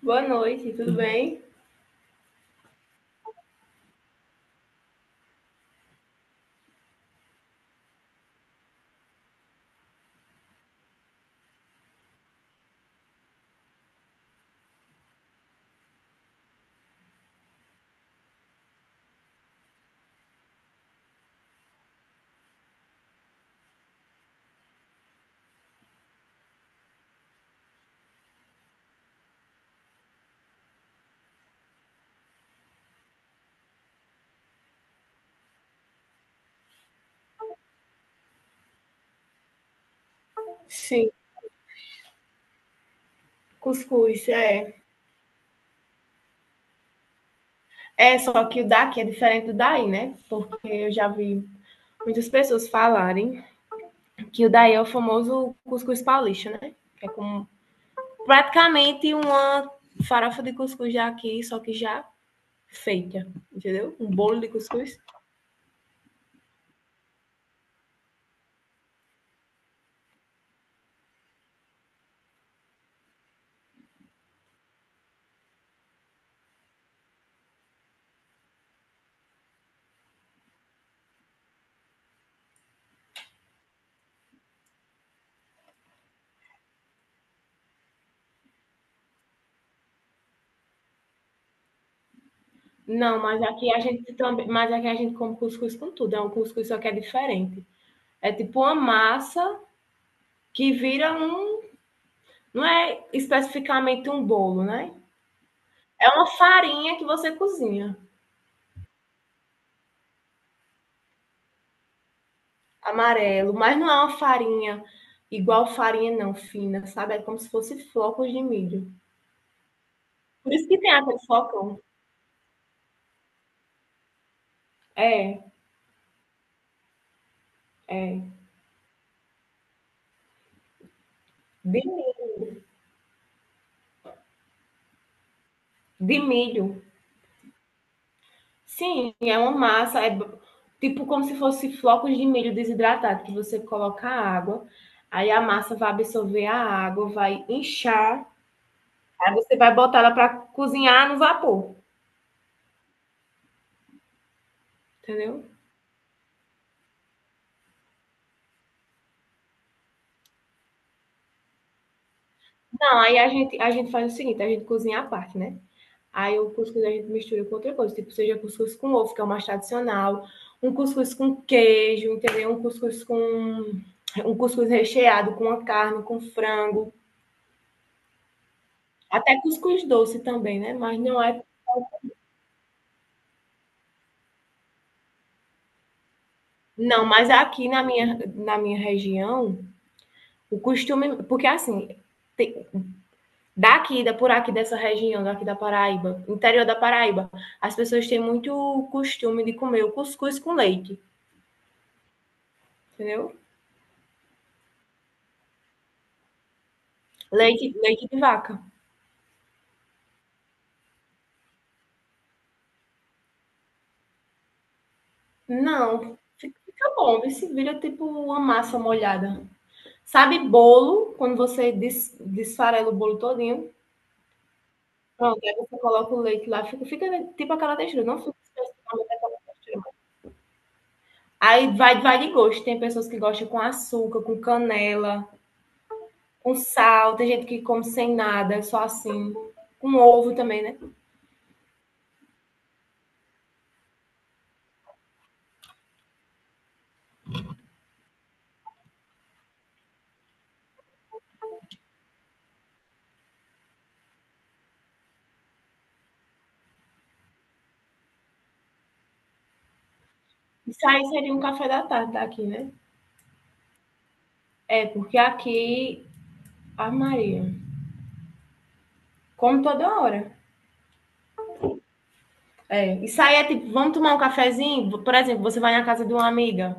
Boa noite, tudo bem? Sim, cuscuz, é. É, só que o daqui é diferente do daí, né? Porque eu já vi muitas pessoas falarem que o daí é o famoso cuscuz paulista, né? É como praticamente uma farofa de cuscuz já aqui, só que já feita, entendeu? Um bolo de cuscuz. Não, mas aqui a gente também, mas aqui a gente come cuscuz com tudo, é um cuscuz só que é diferente. É tipo uma massa que vira um, não é especificamente um bolo, né? É uma farinha que você cozinha, amarelo, mas não é uma farinha igual farinha não, fina, sabe? É como se fosse flocos de milho. Por isso que tem aquele flocão. É, é. De, milho. De milho. Sim, é uma massa, é tipo como se fosse flocos de milho desidratado, que você coloca a água, aí a massa vai absorver a água, vai inchar, aí você vai botar ela para cozinhar no vapor, entendeu? Não, aí a gente faz o seguinte, a gente cozinha à parte, né? Aí o cuscuz a gente mistura com outra coisa, tipo, seja cuscuz com ovo, que é o mais tradicional, um cuscuz com queijo, entendeu? Um cuscuz com um cuscuz recheado com a carne, com frango, até cuscuz doce também, né? Mas não é. Não, mas aqui na minha região, o costume, porque assim, tem- daqui, da por aqui dessa região, daqui da Paraíba, interior da Paraíba, as pessoas têm muito costume de comer o cuscuz com leite, entendeu? Leite, leite de vaca. Não, fica bom. Esse se vira tipo uma massa molhada. Sabe bolo, quando você desfarela o bolo todinho? Pronto, aí você coloca o leite lá, fica tipo aquela textura, não fica especificamente a textura. Aí vai de gosto, tem pessoas que gostam com açúcar, com canela, com sal, tem gente que come sem nada, só assim, com ovo também, né. Isso aí seria um café da tarde daqui, né. É, porque aqui, a Maria, come toda hora. É, e sair é tipo, vamos tomar um cafezinho? Por exemplo, você vai na casa de uma amiga.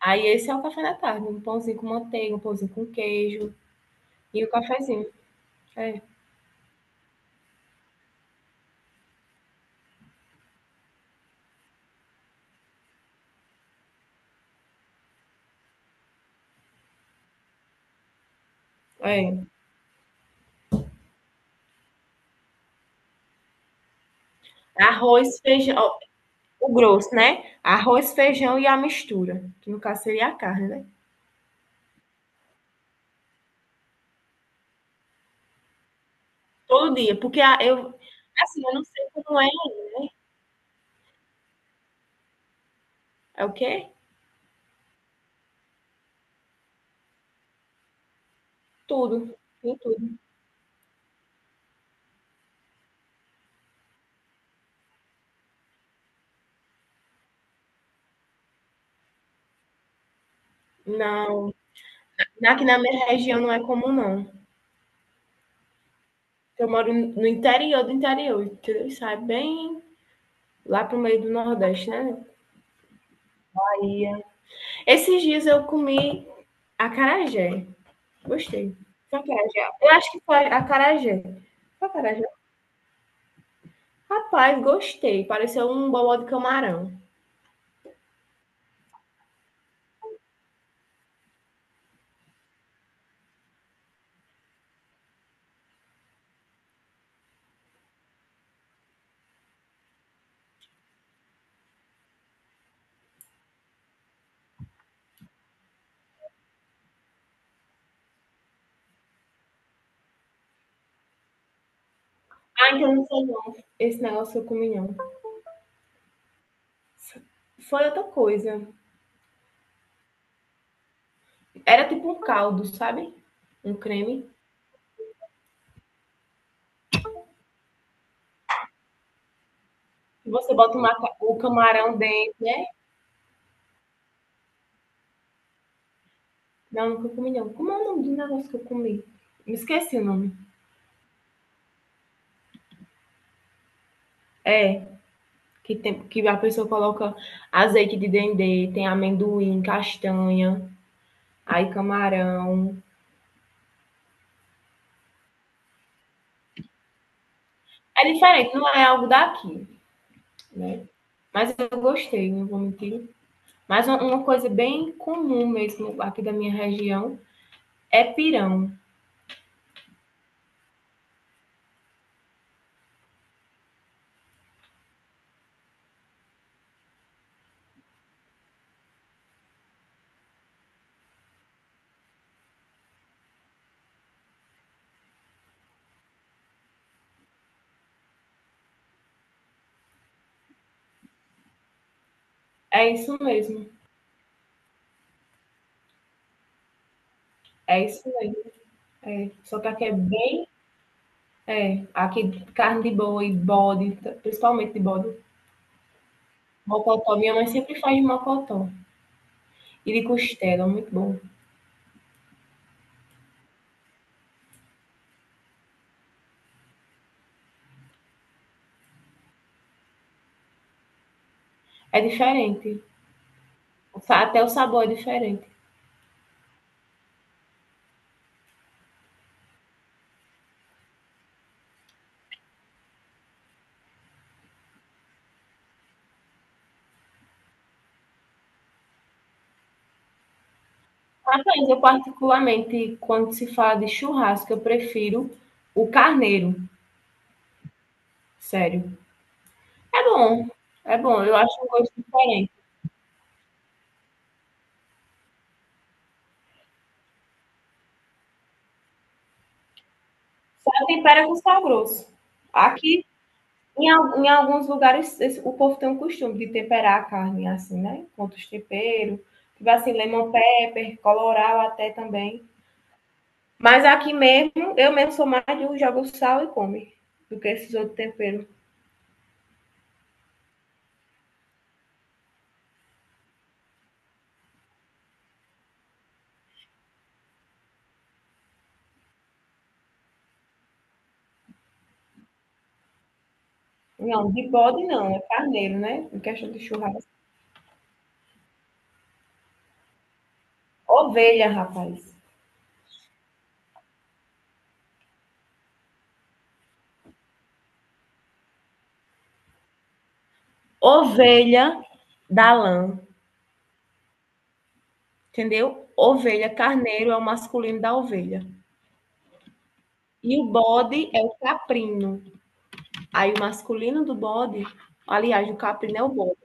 Aí esse é o café da tarde, um pãozinho com manteiga, um pãozinho com queijo e o cafezinho. É, é. Arroz, feijão, ó, o grosso, né? Arroz, feijão e a mistura, que no caso seria a carne, né? Todo dia, porque assim, eu não sei como é, é o quê? Tudo, tem tudo. Não, aqui na minha região não é comum, não. Eu moro no interior do interior, entendeu? Isso é bem lá pro meio do Nordeste, né? Aí Esses dias eu comi acarajé. Gostei. Acarajé. Eu acho que foi acarajé. Foi acarajé. Rapaz, gostei. Pareceu um bobó de camarão. Ah, então não foi não. Esse negócio eu comi não. Foi outra coisa. Era tipo um caldo, sabe? Um creme. Você bota uma o camarão dentro, né? Não, nunca comi não. Como é o nome do negócio que eu comi? Me esqueci o nome. É, que, tem, que a pessoa coloca azeite de dendê, tem amendoim, castanha. Aí camarão. É diferente, não é algo daqui, né? Mas eu gostei, não vou mentir. Mas coisa bem comum mesmo aqui da minha região é pirão. É isso mesmo. É isso mesmo. É. Só que aqui é bem. É. Aqui carne de boi, bode, principalmente de bode. Mocotó. Minha mãe sempre faz de mocotó. E de costela, muito bom. É diferente. Até o sabor é diferente. Rapaz, eu particularmente, quando se fala de churrasco, eu prefiro o carneiro, sério. É bom, é bom, eu acho um gosto diferente. Só tempera com sal grosso. Aqui, em alguns lugares, o povo tem o costume de temperar a carne assim, né? Com outros temperos, tipo assim, lemon pepper, colorau até também. Mas aqui mesmo, eu mesmo sou mais de um jogo sal e come, do que esses outros temperos. Não, de bode não, é carneiro, né? Em questão de churrasco. Ovelha, rapaz. Ovelha da lã, entendeu? Ovelha, carneiro é o masculino da ovelha. E o bode é o caprino. Aí o masculino do bode, aliás, o caprino é o bode.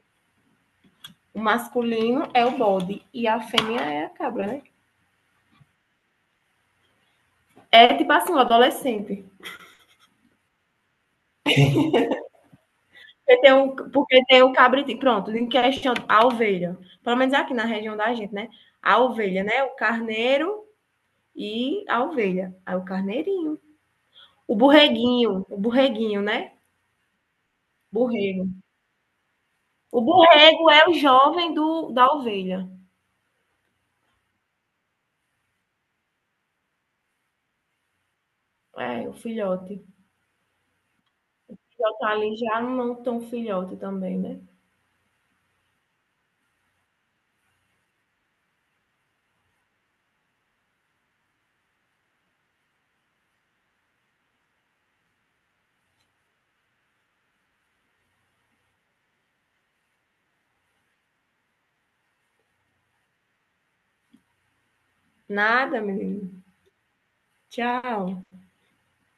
O masculino é o bode e a fêmea é a cabra, né? É tipo assim, o adolescente. Porque tem o cabritinho. Pronto, em questão, a ovelha. Pelo menos aqui na região da gente, né? A ovelha, né? O carneiro e a ovelha. Aí o carneirinho. O borreguinho, né? Borrego. O borrego é o jovem do, da ovelha. É, o filhote. O filhote tá ali já não tão filhote também, né? Nada, menino. Tchau.